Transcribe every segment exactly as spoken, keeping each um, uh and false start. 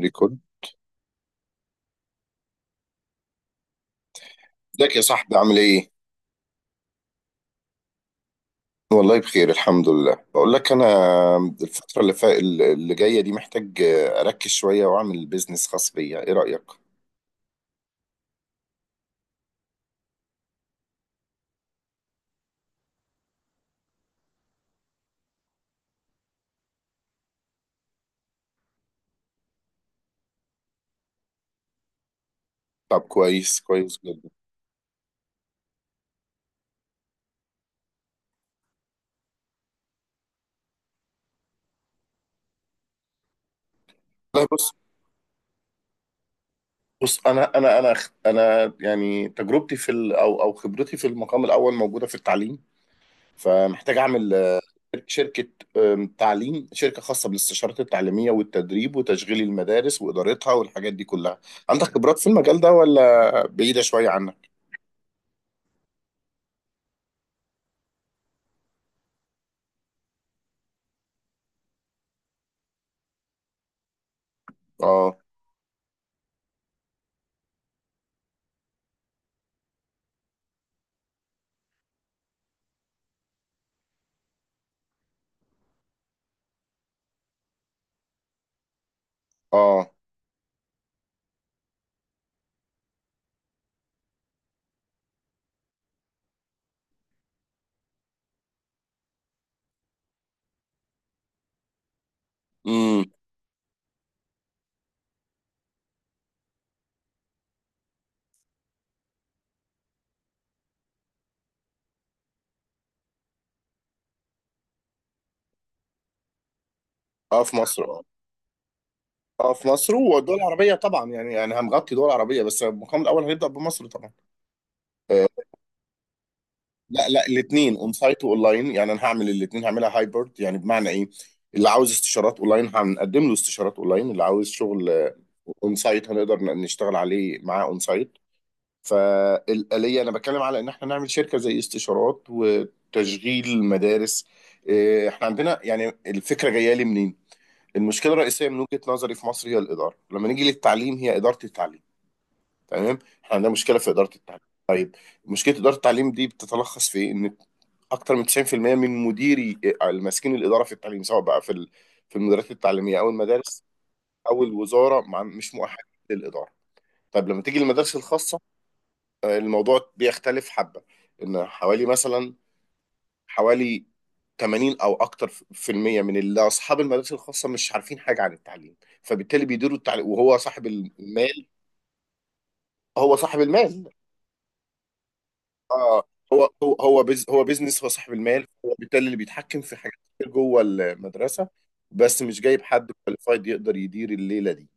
ريكورد ازيك يا صاحبي عامل ايه؟ والله بخير الحمد لله. بقول لك انا الفتره اللي فا... اللي جايه دي محتاج اركز شويه واعمل بيزنس خاص بيا، ايه رايك؟ طب كويس، كويس جدا. والله بص، بص، انا انا انا انا يعني تجربتي في ال... او او خبرتي في المقام الاول موجوده في التعليم، فمحتاج اعمل شركه، أم، تعليم، شركه خاصه بالاستشارات التعليميه والتدريب وتشغيل المدارس وادارتها والحاجات دي كلها. عندك خبرات في المجال ده ولا بعيده شويه عنك؟ آه. اه. امم. اه، في مصر. اه، اه في مصر والدول العربية طبعا، يعني يعني هنغطي دول عربية، بس المقام الأول هيبدأ بمصر طبعا. آه. لا لا، الاثنين، اون سايت واونلاين، يعني أنا هعمل الاثنين، هعملها هايبرد. يعني بمعنى إيه، اللي عاوز استشارات اونلاين هنقدم له استشارات اونلاين، اللي عاوز شغل اون سايت هنقدر ن- نشتغل عليه معاه اون سايت. فالآلية أنا بتكلم على إن احنا نعمل شركة زي استشارات وتشغيل مدارس. آه، احنا عندنا، يعني الفكرة جاية لي منين؟ المشكله الرئيسيه من وجهه نظري في مصر هي الاداره، لما نيجي للتعليم هي اداره التعليم. تمام، احنا عندنا مشكله في اداره التعليم. طيب، مشكله اداره التعليم دي بتتلخص في إيه؟ ان اكتر من تسعين في المية من مديري ماسكين الاداره في التعليم، سواء بقى في ال- في المديريات التعليميه او المدارس او الوزاره، مع- مش مؤهلين للاداره. طيب لما تيجي المدارس الخاصه، آه، الموضوع بيختلف حبه. ان حوالي مثلا، حوالي ثمانين او اكتر في المية من اللي اصحاب المدارس الخاصة مش عارفين حاجة عن التعليم، فبالتالي بيديروا التعليم وهو صاحب المال. هو صاحب المال. اه. هو هو هو بز هو بيزنس، هو صاحب المال، هو بالتالي اللي بيتحكم في حاجات كتير جوه المدرسة، بس مش جايب حد كواليفايد يقدر يدير الليلة دي.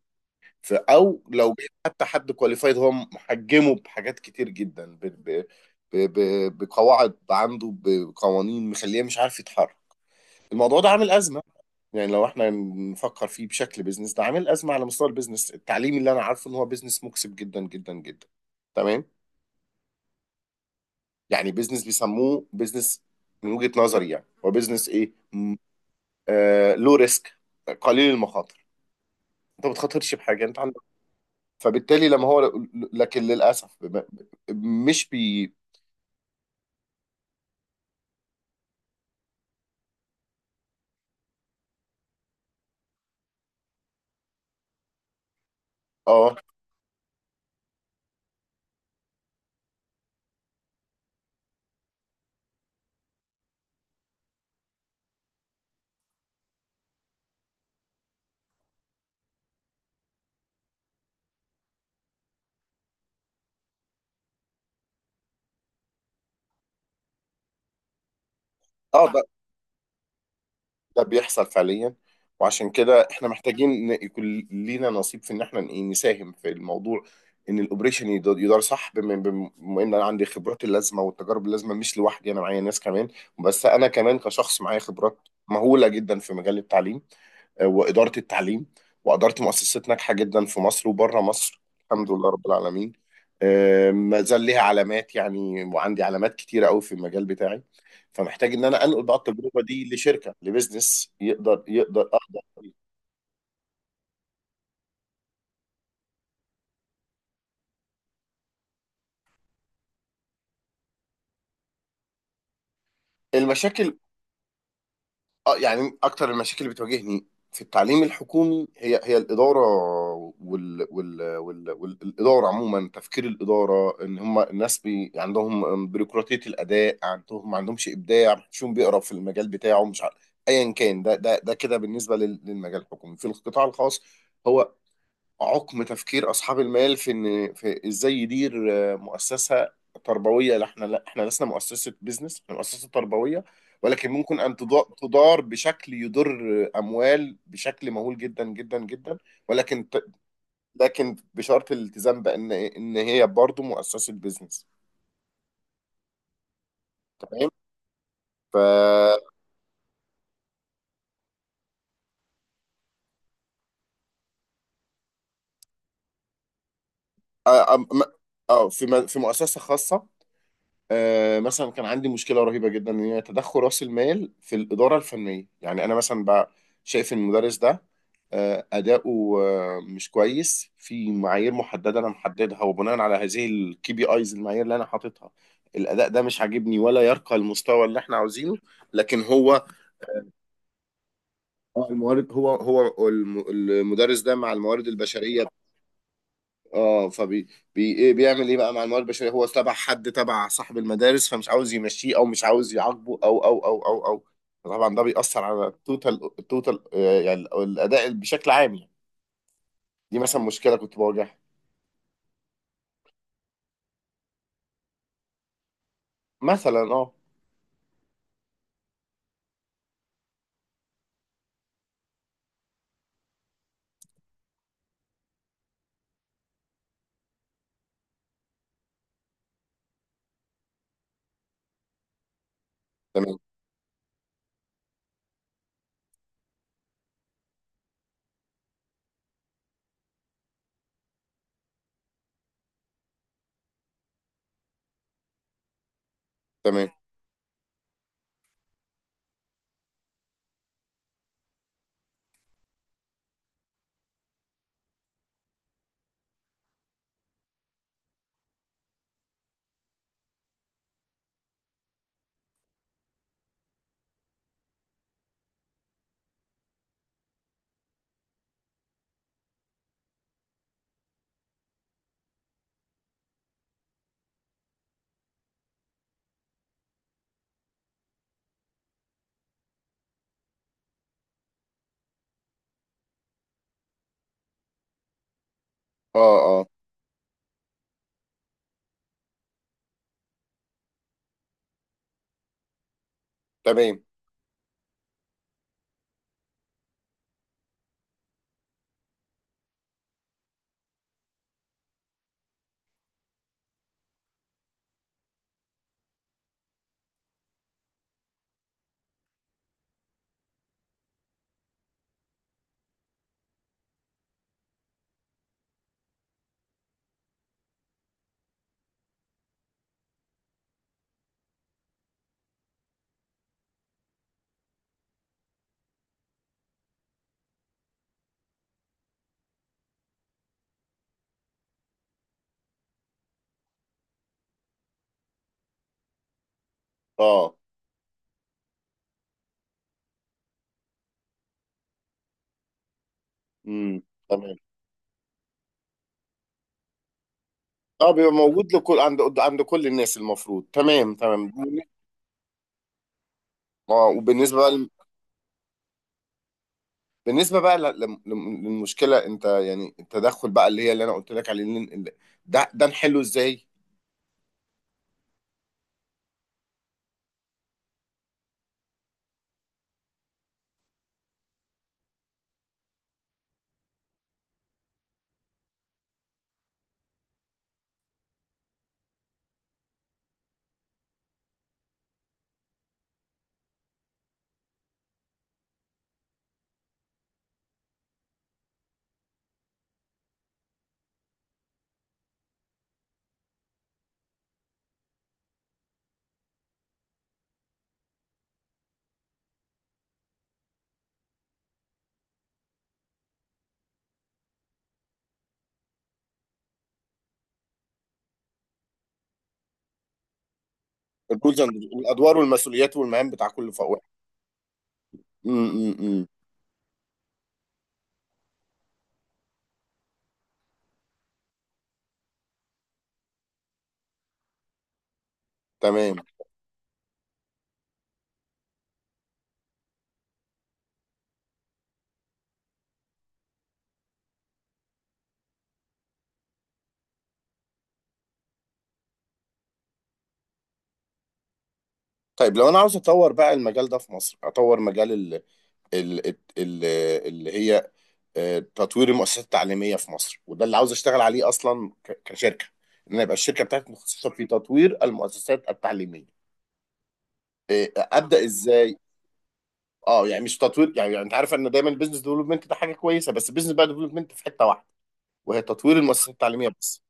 ف- او لو جايب حتى حد كواليفايد، هو محجمه بحاجات كتير جدا، ب ب ب ب- بقواعد عنده، بقوانين، مخليه مش عارف يتحرك. الموضوع ده عامل أزمة، يعني لو احنا نفكر فيه بشكل بيزنس، ده عامل ازمه على مستوى البيزنس التعليمي، اللي انا عارفه ان هو بيزنس مكسب جدا جدا جدا. تمام، يعني بيزنس بيسموه بيزنس. من وجهه نظري يعني، هو بيزنس ايه؟ م- آه، لو ريسك، قليل المخاطر، انت ما بتخاطرش بحاجه، انت عندك. فبالتالي لما هو، لكن للاسف، ب- ب- مش بي اه. اه، ده بيحصل فعليا، وعشان كده احنا محتاجين إن يكون لينا نصيب في ان احنا إيه، نساهم في الموضوع. ان الاوبريشن يد- يدار صح، بما بم- بما ان انا عندي خبرات اللازمه والتجارب اللازمه، مش لوحدي، انا معايا ناس كمان، بس انا كمان كشخص معايا خبرات مهوله جدا في مجال التعليم، وإدارة التعليم، وأدارة مؤسسات ناجحة جدا في مصر وبره مصر، الحمد لله رب العالمين. آه، ما زال ليها علامات يعني، وعندي علامات كتيرة قوي في المجال بتاعي. فمحتاج إن أنا أنقل بقى التجربة دي لشركة لبزنس، يقدر يقدر أقدر. المشاكل، اه يعني اكتر المشاكل اللي بتواجهني في التعليم الحكومي هي هي الاداره. وال وال وال والاداره عموما، تفكير الاداره ان هم الناس بي، عندهم بيروقراطيه، الاداء عندهم، ما عندهمش ابداع، ما حدش بيقرا في المجال بتاعه، مش عارف، ايا كان ده ده ده كده بالنسبه لل- للمجال الحكومي. في القطاع الخاص، هو عقم تفكير اصحاب المال في ان، في ازاي يدير آه، مؤسسه تربويه. لا احنا، لا احنا لسنا مؤسسه بيزنس، احنا مؤسسه تربويه، ولكن ممكن ان تضا- تدار بشكل يضر، آه، اموال بشكل مهول جدا جدا جدا. ولكن ت- لكن بشرط الالتزام بان ان هي برضو مؤسسه بيزنس. تمام. ف، آه، أم- م- اه في م- في مؤسسه خاصه، آه، مثلا كان عندي مشكله رهيبه جدا، ان هي تدخل راس المال في الاداره الفنيه. يعني انا مثلا بقى شايف ان المدرس ده، آه، اداؤه آه، مش كويس في معايير محدده انا محددها، وبناء على هذه الكي بي ايز، المعايير اللي انا حاططها، الاداء ده مش عاجبني ولا يرقى المستوى اللي احنا عاوزينه. لكن هو، الموارد، هو هو الم- المدرس ده مع الموارد البشريه. اه، فبي بي ايه، بيعمل ايه بقى مع الموارد البشريه؟ هو تبع حد، تبع صاحب المدارس، فمش عاوز يمشيه، او مش عاوز يعاقبه، او او او او او طبعا ده بيأثر على التوتال، التوتال آه، يعني الاداء بشكل عام يعني. دي مثلا مشكله كنت بواجهها. مثلا اه. تمام تمام. اه اه. تمام. اه. امم. تمام. اه، بيبقى موجود لكل، عند عند كل الناس المفروض. تمام تمام. اه. وبالنسبه بقى، بالنسبه بقى ل- لم- لم- للمشكله، انت يعني التدخل بقى اللي هي، اللي انا قلت لك عليه اللي- اللي- ده ده نحله ازاي؟ الرولز اند، الادوار والمسؤوليات والمهام بتاع كل ف- واحد. امم امم تمام. طيب لو انا عاوز اطور بقى المجال ده في مصر، اطور مجال ال ال ال ال- اللي هي، آه، تطوير المؤسسات التعليميه في مصر، وده اللي عاوز اشتغل عليه اصلا، ك- كشركه. ان انا يبقى الشركه بتاعتي متخصصه في تطوير المؤسسات التعليميه، آه، ابدا ازاي؟ اه يعني مش تطوير يعني, يعني انت عارف ان دايما البيزنس ديفلوبمنت ده حاجه كويسه، بس البيزنس بقى ديفلوبمنت في حته واحده، وهي تطوير المؤسسات التعليميه بس.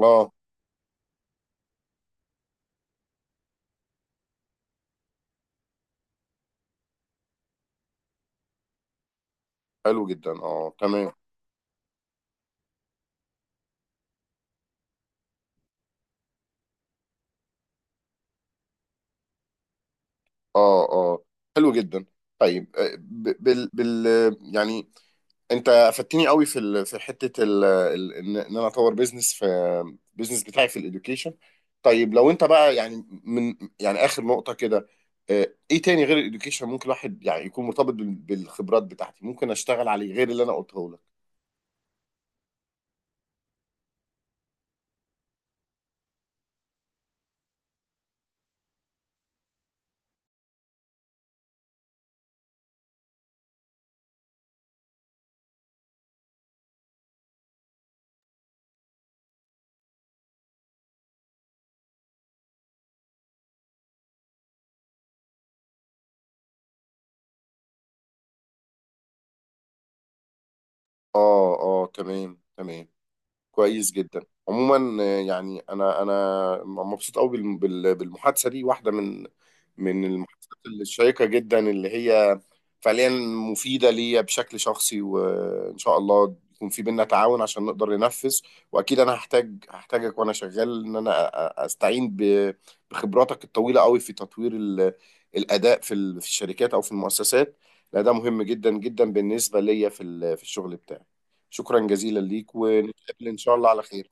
اه حلو جدا. اه تمام. اه اه حلو جدا. طيب آه، ب- بال بال يعني انت افدتني قوي في ال... في حته ال... ال... ان إن انا اطور بيزنس في، بيزنس بتاعي في الاديوكيشن. طيب لو انت بقى يعني، من يعني اخر نقطه كده، آه، ايه تاني غير الاديوكيشن ممكن الواحد يعني يكون مرتبط بال- بالخبرات بتاعتي، ممكن اشتغل عليه غير اللي انا قلته لك؟ اه اه تمام تمام كويس جدا. عموما آه، يعني انا انا مبسوط قوي بال- بال- بالمحادثه دي. واحده من من المحادثات الشيقه جدا اللي هي فعليا مفيده ليا بشكل شخصي، وان شاء الله يكون في بينا تعاون عشان نقدر ننفذ. واكيد انا هحتاج هحتاجك وانا شغال، ان انا أ- أ- استعين ب- بخبراتك الطويله قوي في تطوير ال- الاداء في ال- في الشركات او في المؤسسات. لا ده مهم جدا جدا بالنسبه ليا في ال- في الشغل بتاعي. شكرا جزيلا ليك، و نتقابل ان شاء الله على خير.